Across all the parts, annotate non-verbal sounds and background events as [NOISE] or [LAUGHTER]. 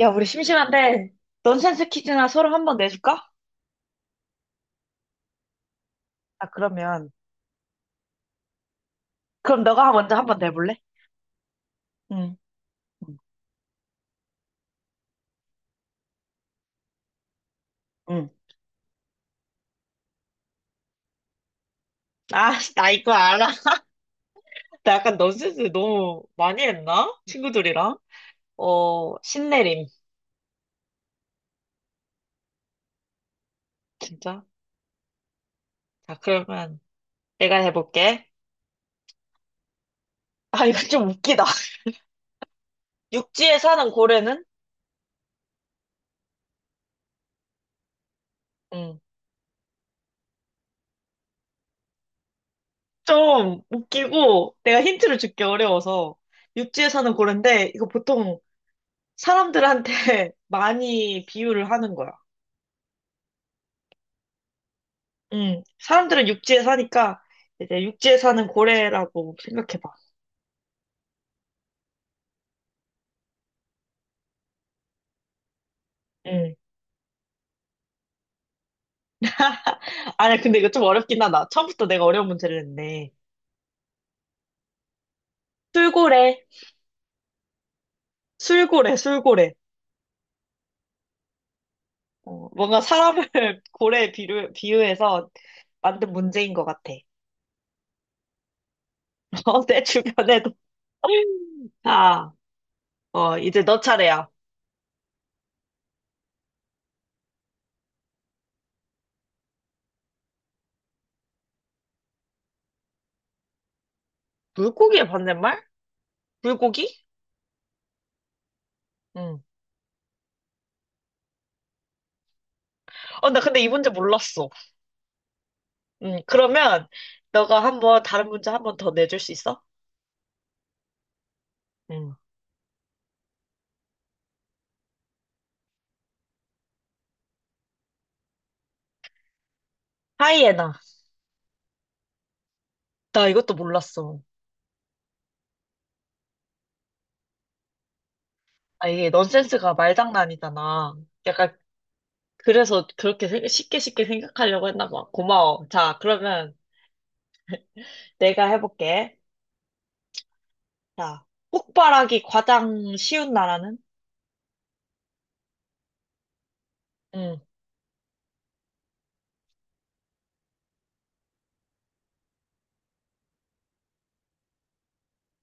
야, 우리 심심한데 넌센스 퀴즈나 서로 한 번 내줄까? 아, 그러면. 그럼 너가 먼저 한 번 내볼래? 응, 응. 응. 아, 씨, 나 이거 알아. [LAUGHS] 나 약간 넌센스 너무 많이 했나? 친구들이랑. 어, 신내림. 진짜? 자, 그러면 내가 해볼게. 아, 이거 좀 웃기다. [LAUGHS] 육지에 사는 고래는? 응. 좀 웃기고, 내가 힌트를 주기 어려워서. 육지에 사는 고래인데, 이거 보통 사람들한테 [LAUGHS] 많이 비유를 하는 거야. 사람들은 육지에 사니까 이제 육지에 사는 고래라고 생각해봐. 음. [LAUGHS] 아니, 근데 이거 좀 어렵긴 하다. 처음부터 내가 어려운 문제를 냈네. 술고래, 술고래. 어, 뭔가 사람을 [LAUGHS] 고래에 비유, 비유해서 만든 문제인 것 같아. [LAUGHS] 어, 내 주변에도. [LAUGHS] 자, 어, 이제 너 차례야. 물고기의 반대말? 물고기? 응. 어, 나 근데 이 문제 몰랐어. 응, 그러면 너가 한번 다른 문제 한 번 더 내줄 수 있어? 응. 하이에나. 나 이것도 몰랐어. 아, 이게 넌센스가 말장난이잖아. 약간, 그래서 쉽게 쉽게 생각하려고 했나 봐. 고마워. 자, 그러면 내가 해볼게. 자, 폭발하기 가장 쉬운 나라는? 응.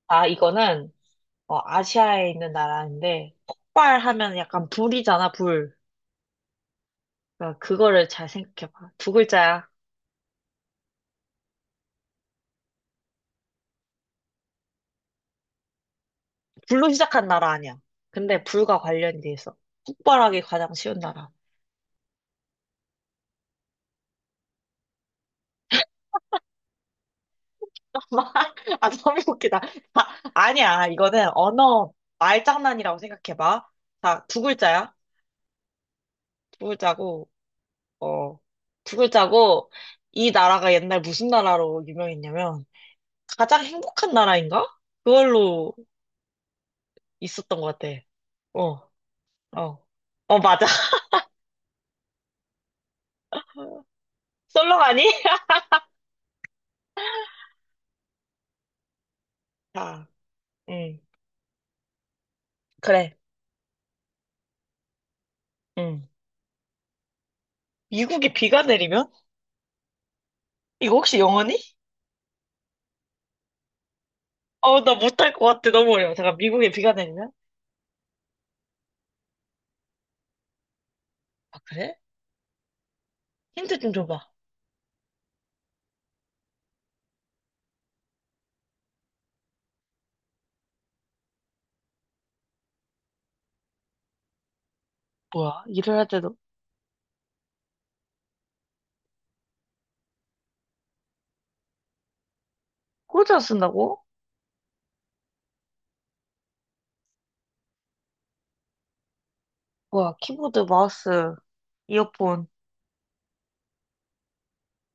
아, 이거는, 어, 아시아에 있는 나라인데, 폭발하면 약간 불이잖아, 불. 그러니까 그거를 잘 생각해봐. 두 글자야. 불로 시작한 나라 아니야. 근데 불과 관련이 돼 있어. 폭발하기 가장 쉬운 나라. [LAUGHS] 아, 너무 웃기다. 아, 아니야. 이거는 언어 말장난이라고 생각해봐. 자, 두 글자야. 두 글자고, 어, 두 글자고, 이 나라가 옛날 무슨 나라로 유명했냐면, 가장 행복한 나라인가? 그걸로 있었던 것 같아. 어, 어. 어, 맞아. [LAUGHS] 썰렁하니? [LAUGHS] 자, 음, 그래. 음. 미국에 비가 내리면? 이거 혹시 영어니? 어, 나 못할 것 같아. 너무 어려워. 잠깐, 미국에 비가 내리면? 아, 그래? 힌트 좀 줘봐. 뭐야, 일을 할 때도 꽂아 쓴다고? 뭐야, 키보드, 마우스, 이어폰,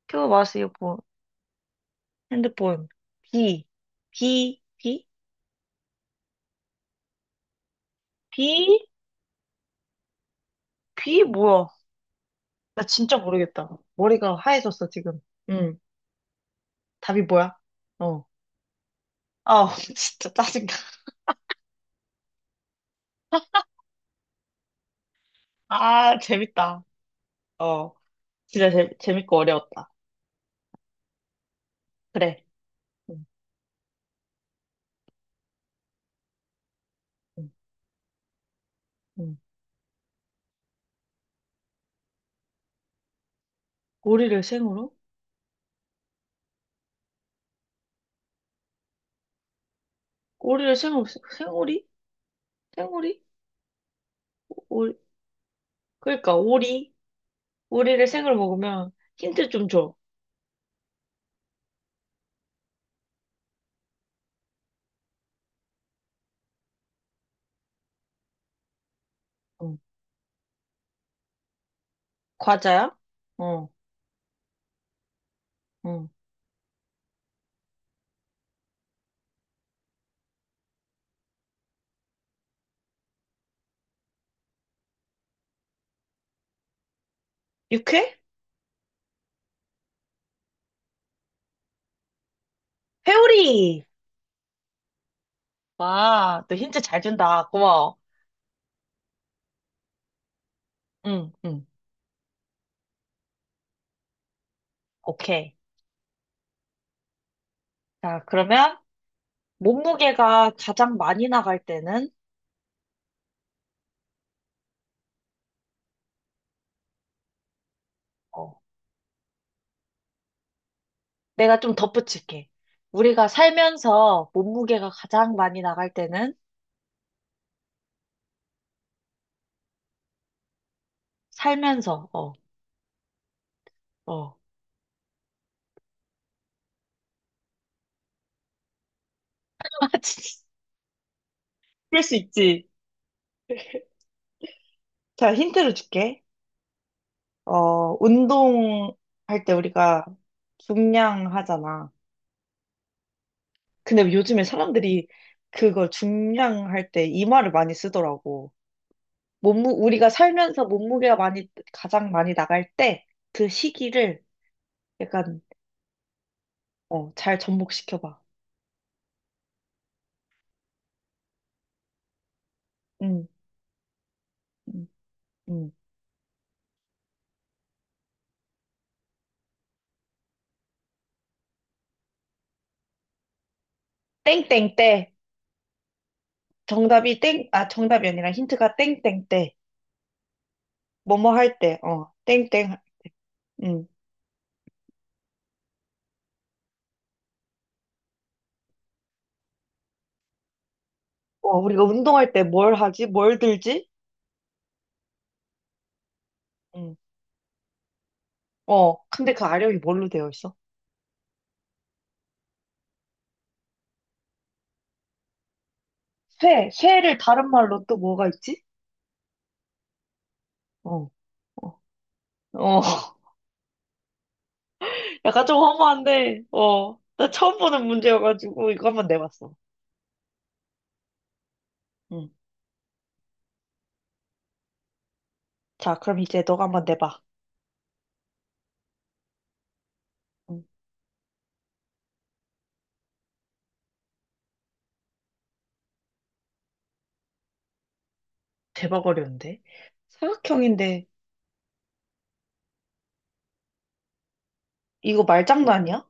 키보드, 마우스, 이어폰, 핸드폰, 비, 비, 비, 비, 비, 뭐야? 나 진짜 모르겠다. 머리가 하얘졌어, 지금. 응, 답이 뭐야? 어. 아, [LAUGHS] 진짜 짜증나. 아, 재밌다. 어, 재밌고 어려웠다. 그래. 응, 응, 응. 오리를 생으로? 오리를 생으로, 생오리? 생오리? 오리. 그러니까, 오리. 오리를 생으로 먹으면 힌트 좀 줘. 응. 과자야? 어, 응. 육회? 회오리! 와, 너 힌트 잘 준다. 고마워. 응, 응. 오케이. 자, 그러면 몸무게가 가장 많이 나갈 때는 어, 내가 좀 덧붙일게. 우리가 살면서 몸무게가 가장 많이 나갈 때는 살면서 어, 어. [LAUGHS] 아, 진짜. 그럴 수 있지. 자, 힌트를 줄게. 어, 운동할 때 우리가 중량 하잖아. 근데 요즘에 사람들이 그걸 중량할 때 이 말을 많이 쓰더라고. 우리가 살면서 몸무게가 가장 많이 나갈 때 그 시기를 약간, 어, 잘 접목시켜봐. 응, 응, 응. 땡땡 때. 정답이 아니라 힌트가 땡땡 때. 뭐뭐 할 때, 어, 땡땡, 응. 어, 우리가 운동할 때 뭘 하지? 뭘 들지? 응. 어, 근데 그 아령이 뭘로 되어 있어? 쇠를 다른 말로 또 뭐가 있지? 어, 어, 어. 약간 좀 허무한데, 어, 나 처음 보는 문제여가지고 이거 한번 내봤어. 응. 자, 그럼 이제 너가 한번 내봐. 응. 대박 어려운데. 사각형인데, 이거 말장난 아니야?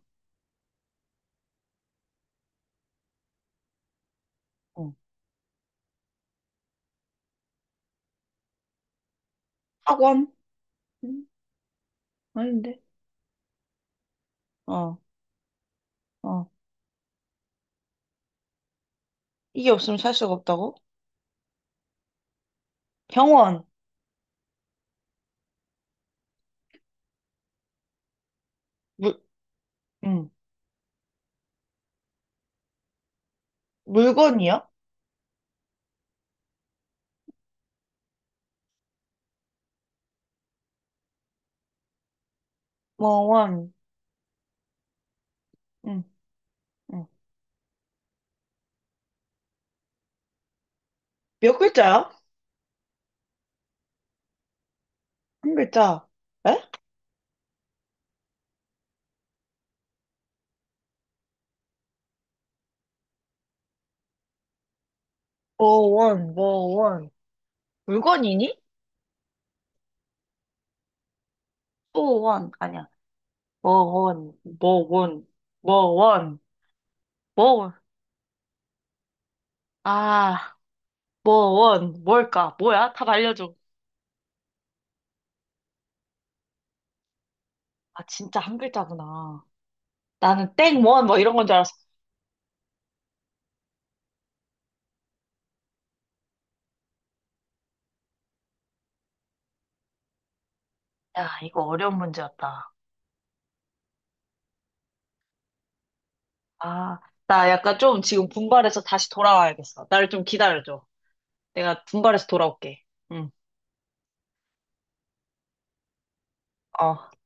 응. 학원? 응. 아닌데. 어, 어. 이게 없으면 살 수가 없다고? 병원. 물, 응. 물건이야? 뭐원. 응, 응. 몇 글자야? 한 글자. 에? 뭐원, 뭐원. 물건이니? 뭐원. 아니야. 뭐원, 뭐원, 뭐원. 뭐, 아, 뭐 원, 뭘까? 뭐야? 답 알려줘. 아, 진짜 한 글자구나. 나는 땡 원, 뭐 이런 건 줄 알았어. 야, 이거 어려운 문제였다. 아, 나 약간 좀 지금 분발해서 다시 돌아와야겠어. 나를 좀 기다려줘. 내가 분발해서 돌아올게. 응, 어.